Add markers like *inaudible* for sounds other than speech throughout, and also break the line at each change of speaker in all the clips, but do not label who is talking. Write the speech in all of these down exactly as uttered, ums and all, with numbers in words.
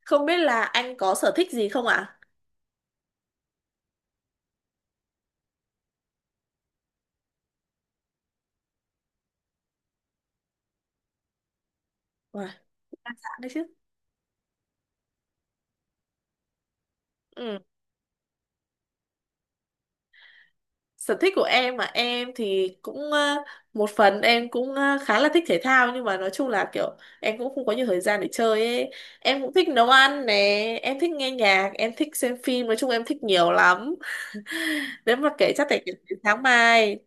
Không biết là anh có sở thích gì không ạ? Wow, đa dạng đấy chứ. Ừ. Sở thích của em mà em thì cũng ờ, một phần em cũng ờ, khá là thích thể thao nhưng mà nói chung là kiểu em cũng không có nhiều thời gian để chơi ấy. Em cũng thích nấu ăn nè, em thích nghe nhạc, em thích xem phim, nói chung em thích nhiều lắm. Nếu mà kể chắc phải kể đến sáng mai.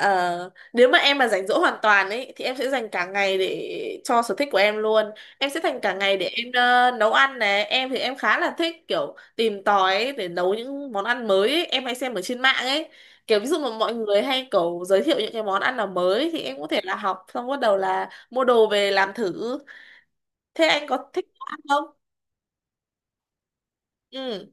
Ờ, Nếu mà em mà rảnh rỗi hoàn toàn ấy thì em sẽ dành cả ngày để cho sở thích của em luôn. Em sẽ dành cả ngày để em ờ, nấu ăn này. Em thì em khá là thích kiểu tìm tòi ấy, để nấu những món ăn mới ấy. Em hay xem ở trên mạng ấy. Kiểu ví dụ mà mọi người hay kiểu giới thiệu những cái món ăn nào mới thì em có thể là học xong bắt đầu là mua đồ về làm thử. Thế anh có thích nấu ăn không? Ừ.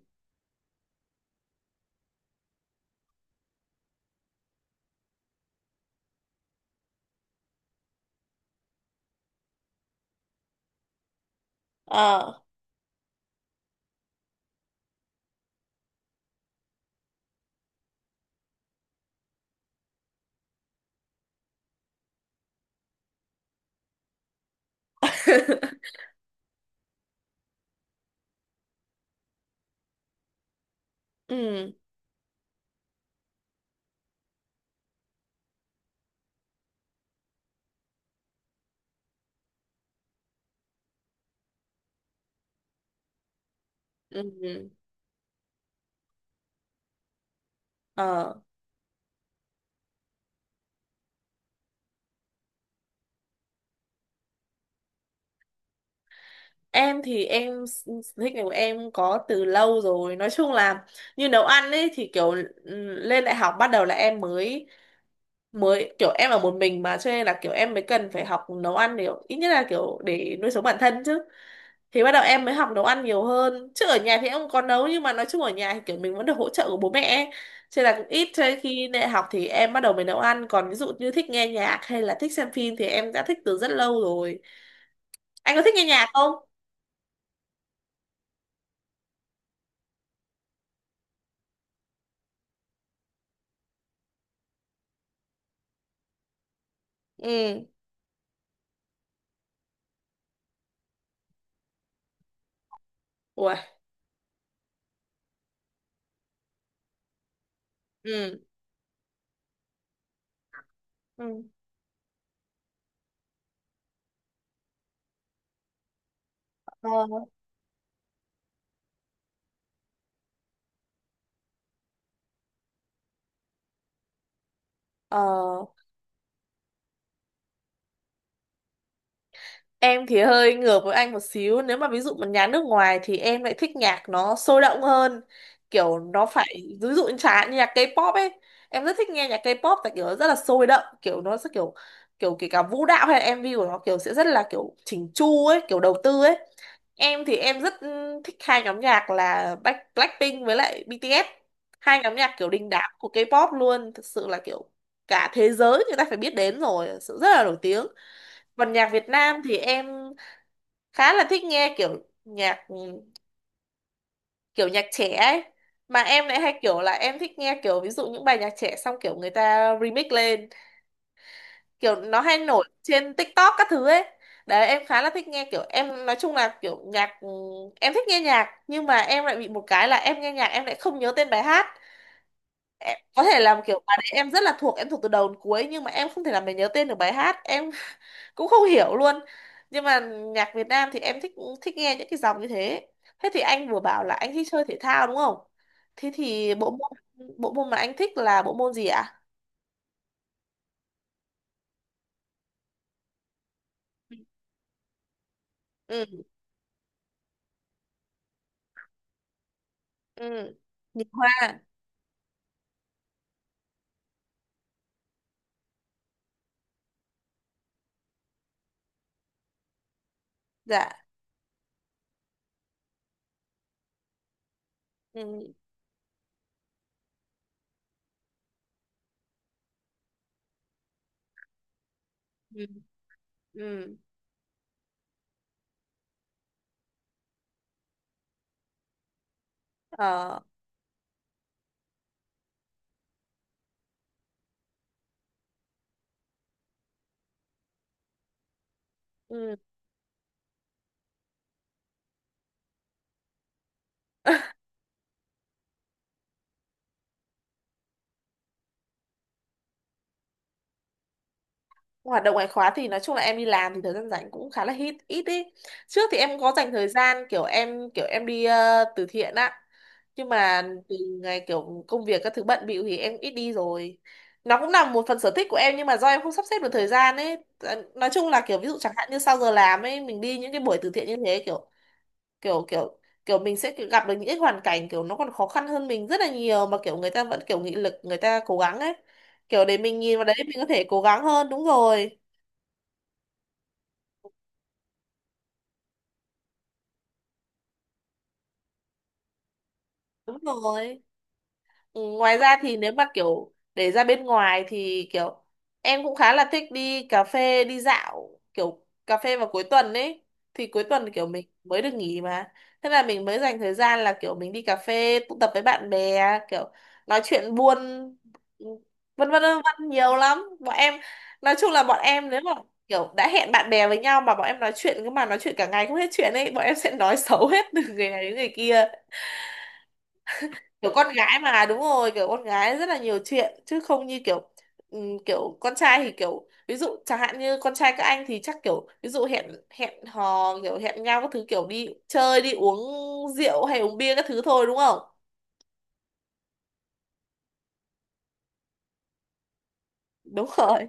Ờ. *laughs* Ừ. Ừ. Ờ. Em thì em s- thích của em có từ lâu rồi. Nói chung là như nấu ăn ấy thì kiểu ừ, lên đại học bắt đầu là em mới mới kiểu em ở một mình mà cho nên là kiểu em mới cần phải học nấu ăn để ít nhất là kiểu để nuôi sống bản thân chứ. Thì bắt đầu em mới học nấu ăn nhiều hơn. Chứ ở nhà thì em cũng có nấu nhưng mà nói chung ở nhà thì kiểu mình vẫn được hỗ trợ của bố mẹ ấy. Cho nên là cũng ít cho nên khi đại học thì em bắt đầu mới nấu ăn, còn ví dụ như thích nghe nhạc hay là thích xem phim thì em đã thích từ rất lâu rồi. Anh có thích nghe nhạc không? Ừ. Ủa, ừ. Ừ. Ờ, ờ, em thì hơi ngược với anh một xíu. Nếu mà ví dụ một nhà nước ngoài thì em lại thích nhạc nó sôi động hơn. Kiểu nó phải, ví dụ như chẳng hạn như nhạc K-pop ấy. Em rất thích nghe nhạc K-pop tại kiểu nó rất là sôi động. Kiểu nó sẽ kiểu, kiểu kể cả vũ đạo hay là em vê của nó kiểu sẽ rất là kiểu chỉnh chu ấy, kiểu đầu tư ấy. Em thì em rất ừ, thích hai nhóm nhạc là Black- Blackpink với lại bê tê ét. Hai nhóm nhạc kiểu đình đám của K-pop luôn, thực sự là kiểu cả thế giới người ta phải biết đến rồi, thực sự rất là nổi tiếng. Còn nhạc Việt Nam thì em khá là thích nghe kiểu nhạc ừ, kiểu nhạc trẻ ấy. Mà em lại hay kiểu là em thích nghe kiểu ví dụ những bài nhạc trẻ xong kiểu người ta remix lên, kiểu nó hay nổi trên TikTok các thứ ấy. Đấy em khá là thích nghe, kiểu em nói chung là kiểu nhạc ừ, em thích nghe nhạc nhưng mà em lại bị một cái là em nghe nhạc em lại không nhớ tên bài hát em, có thể làm kiểu bài đấy em rất là thuộc, em thuộc từ đầu đến cuối nhưng mà em không thể làm mình nhớ tên được bài hát em. *laughs* Cũng không hiểu luôn, nhưng mà nhạc Việt Nam thì em thích, thích nghe những cái dòng như thế. Thế thì anh vừa bảo là anh thích chơi thể thao đúng không? Thế thì bộ môn bộ môn mà anh thích là bộ môn gì ạ? Ừ. Ừ. Nhịp hoa. Dạ. Ừ. Ừ. Ừ. Ờ. Ừ. Hoạt động ngoại khóa thì nói chung là em đi làm thì thời gian rảnh cũng khá là ít ít ý. Trước thì em có dành thời gian kiểu em kiểu em đi ờ, từ thiện á, nhưng mà từ ngày kiểu công việc các thứ bận bịu thì em ít đi rồi. Nó cũng là một phần sở thích của em nhưng mà do em không sắp xếp được thời gian ấy. Ờ, nói chung là kiểu ví dụ chẳng hạn như sau giờ làm ấy mình đi những cái buổi từ thiện như thế, kiểu kiểu kiểu kiểu mình sẽ kiểu gặp được những cái hoàn cảnh kiểu nó còn khó khăn hơn mình rất là nhiều mà kiểu người ta vẫn kiểu nghị lực người ta cố gắng ấy, kiểu để mình nhìn vào đấy mình có thể cố gắng hơn. Đúng rồi. Đúng rồi. Ừ, ngoài ra thì nếu mà kiểu để ra bên ngoài thì kiểu em cũng khá là thích đi cà phê đi dạo, kiểu cà phê vào cuối tuần ấy. Thì cuối tuần kiểu mình mới được nghỉ mà, thế là mình mới dành thời gian là kiểu mình đi cà phê tụ tập với bạn bè, kiểu nói chuyện buôn, ừ, vân vân vân vân nhiều lắm bọn em. Nói chung là bọn em nếu mà kiểu đã hẹn bạn bè với nhau mà bọn em nói chuyện cứ mà nói chuyện cả ngày không hết chuyện ấy, bọn em sẽ nói xấu hết từ người này đến người kia. Kiểu con gái mà, đúng rồi, kiểu con gái rất là nhiều chuyện chứ không như kiểu ừm, kiểu con trai thì kiểu ví dụ chẳng hạn như con trai các anh thì chắc kiểu ví dụ hẹn hẹn hò kiểu hẹn nhau các thứ kiểu đi chơi đi uống rượu hay uống bia các thứ thôi đúng không? Đúng *laughs* rồi.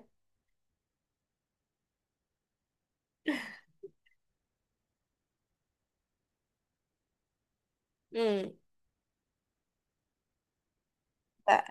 Ừ. Dạ.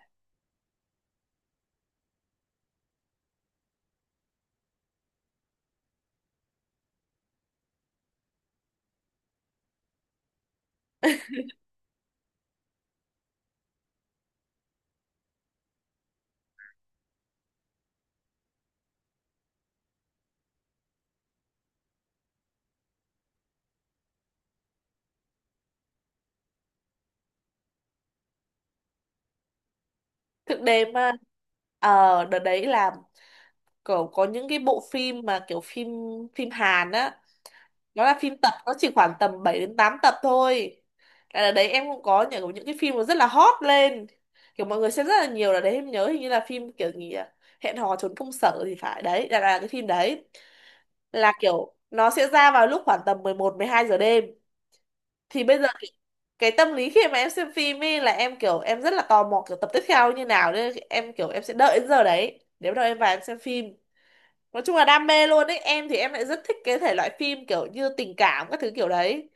Thực đề mà. Ờ đợt đấy là kiểu có những cái bộ phim mà kiểu phim phim Hàn á, nó là phim tập nó chỉ khoảng tầm bảy đến tám tập thôi. Tại là đấy em cũng có những những cái phim nó rất là hot lên, kiểu mọi người xem rất là nhiều là đấy, em nhớ hình như là phim kiểu gì à? Hẹn hò trốn công sở thì phải, đấy là, là cái phim đấy, là kiểu nó sẽ ra vào lúc khoảng tầm mười một mười hai giờ đêm. Thì bây giờ cái, cái tâm lý khi mà em xem phim ấy là em kiểu em rất là tò mò kiểu tập tiếp theo như nào nên em kiểu em sẽ đợi đến giờ đấy để bắt đầu em vào em xem phim. Nói chung là đam mê luôn ấy, em thì em lại rất thích cái thể loại phim kiểu như tình cảm các thứ kiểu đấy,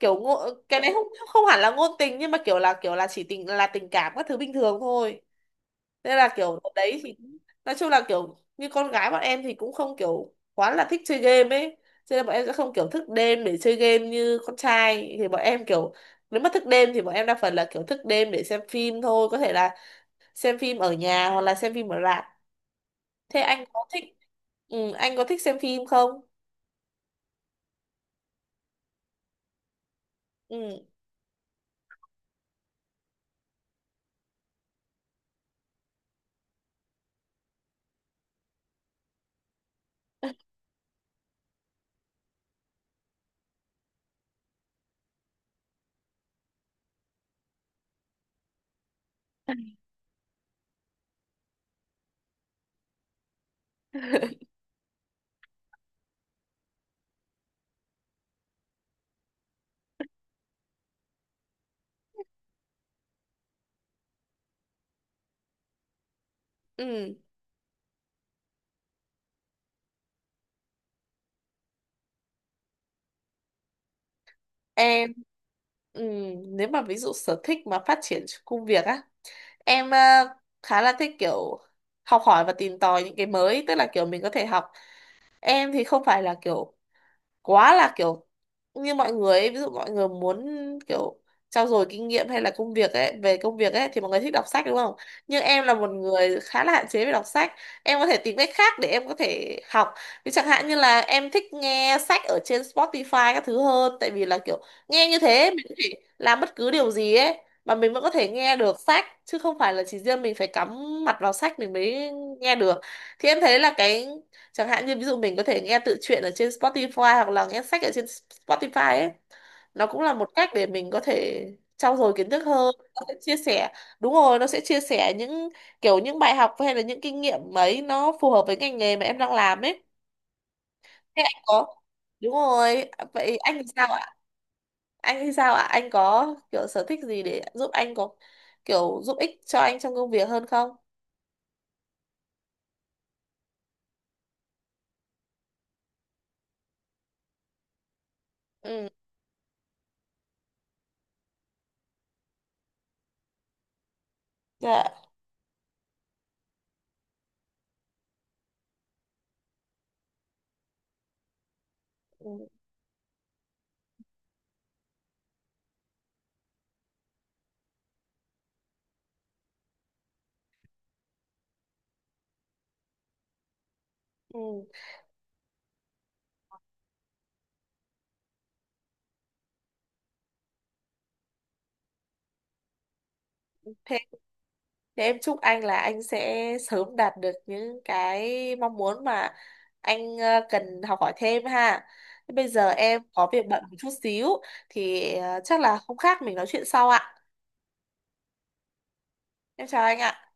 kiểu ngộ, cái này không không hẳn là ngôn tình nhưng mà kiểu là kiểu là chỉ tình là tình cảm các thứ bình thường thôi. Nên là kiểu đợt đấy thì nói chung là kiểu như con gái bọn em thì cũng không kiểu quá là thích chơi game ấy, cho nên bọn em sẽ không kiểu thức đêm để chơi game như con trai, thì bọn em kiểu nếu mà thức đêm thì bọn em đa phần là kiểu thức đêm để xem phim thôi, có thể là xem phim ở nhà hoặc là xem phim ở rạp. Thế anh có thích ừ, anh có thích xem phim không? Ừ. *laughs* Ừ. Em ừm, nếu mà ví dụ sở thích mà phát triển trong công việc á, em ờ, khá là thích kiểu học hỏi và tìm tòi những cái mới, tức là kiểu mình có thể học. Em thì không phải là kiểu quá là kiểu như mọi người ấy, ví dụ mọi người muốn kiểu trau dồi kinh nghiệm hay là công việc ấy về công việc ấy thì mọi người thích đọc sách đúng không? Nhưng em là một người khá là hạn chế về đọc sách, em có thể tìm cách khác để em có thể học. Ví chẳng hạn như là em thích nghe sách ở trên Spotify các thứ hơn, tại vì là kiểu nghe như thế mình có thể làm bất cứ điều gì ấy mà mình vẫn có thể nghe được sách chứ không phải là chỉ riêng mình phải cắm mặt vào sách mình mới nghe được. Thì em thấy là cái chẳng hạn như ví dụ mình có thể nghe tự truyện ở trên Spotify hoặc là nghe sách ở trên Spotify ấy, nó cũng là một cách để mình có thể trau dồi kiến thức hơn, nó sẽ chia sẻ. Đúng rồi, nó sẽ chia sẻ những kiểu những bài học hay là những kinh nghiệm ấy nó phù hợp với ngành nghề mà em đang làm ấy. Thế anh có đúng rồi, à, vậy anh thì sao ạ? Anh thì sao ạ, anh có kiểu sở thích gì để giúp anh có kiểu giúp ích cho anh trong công việc hơn không? Ừ. Dạ. Ừ. Ừ. Thế em chúc anh là anh sẽ sớm đạt được những cái mong muốn mà anh ờ, cần học hỏi thêm ha. Thế bây giờ em có việc bận một chút xíu, thì ờ, chắc là không khác mình nói chuyện sau ạ. Em chào anh ạ.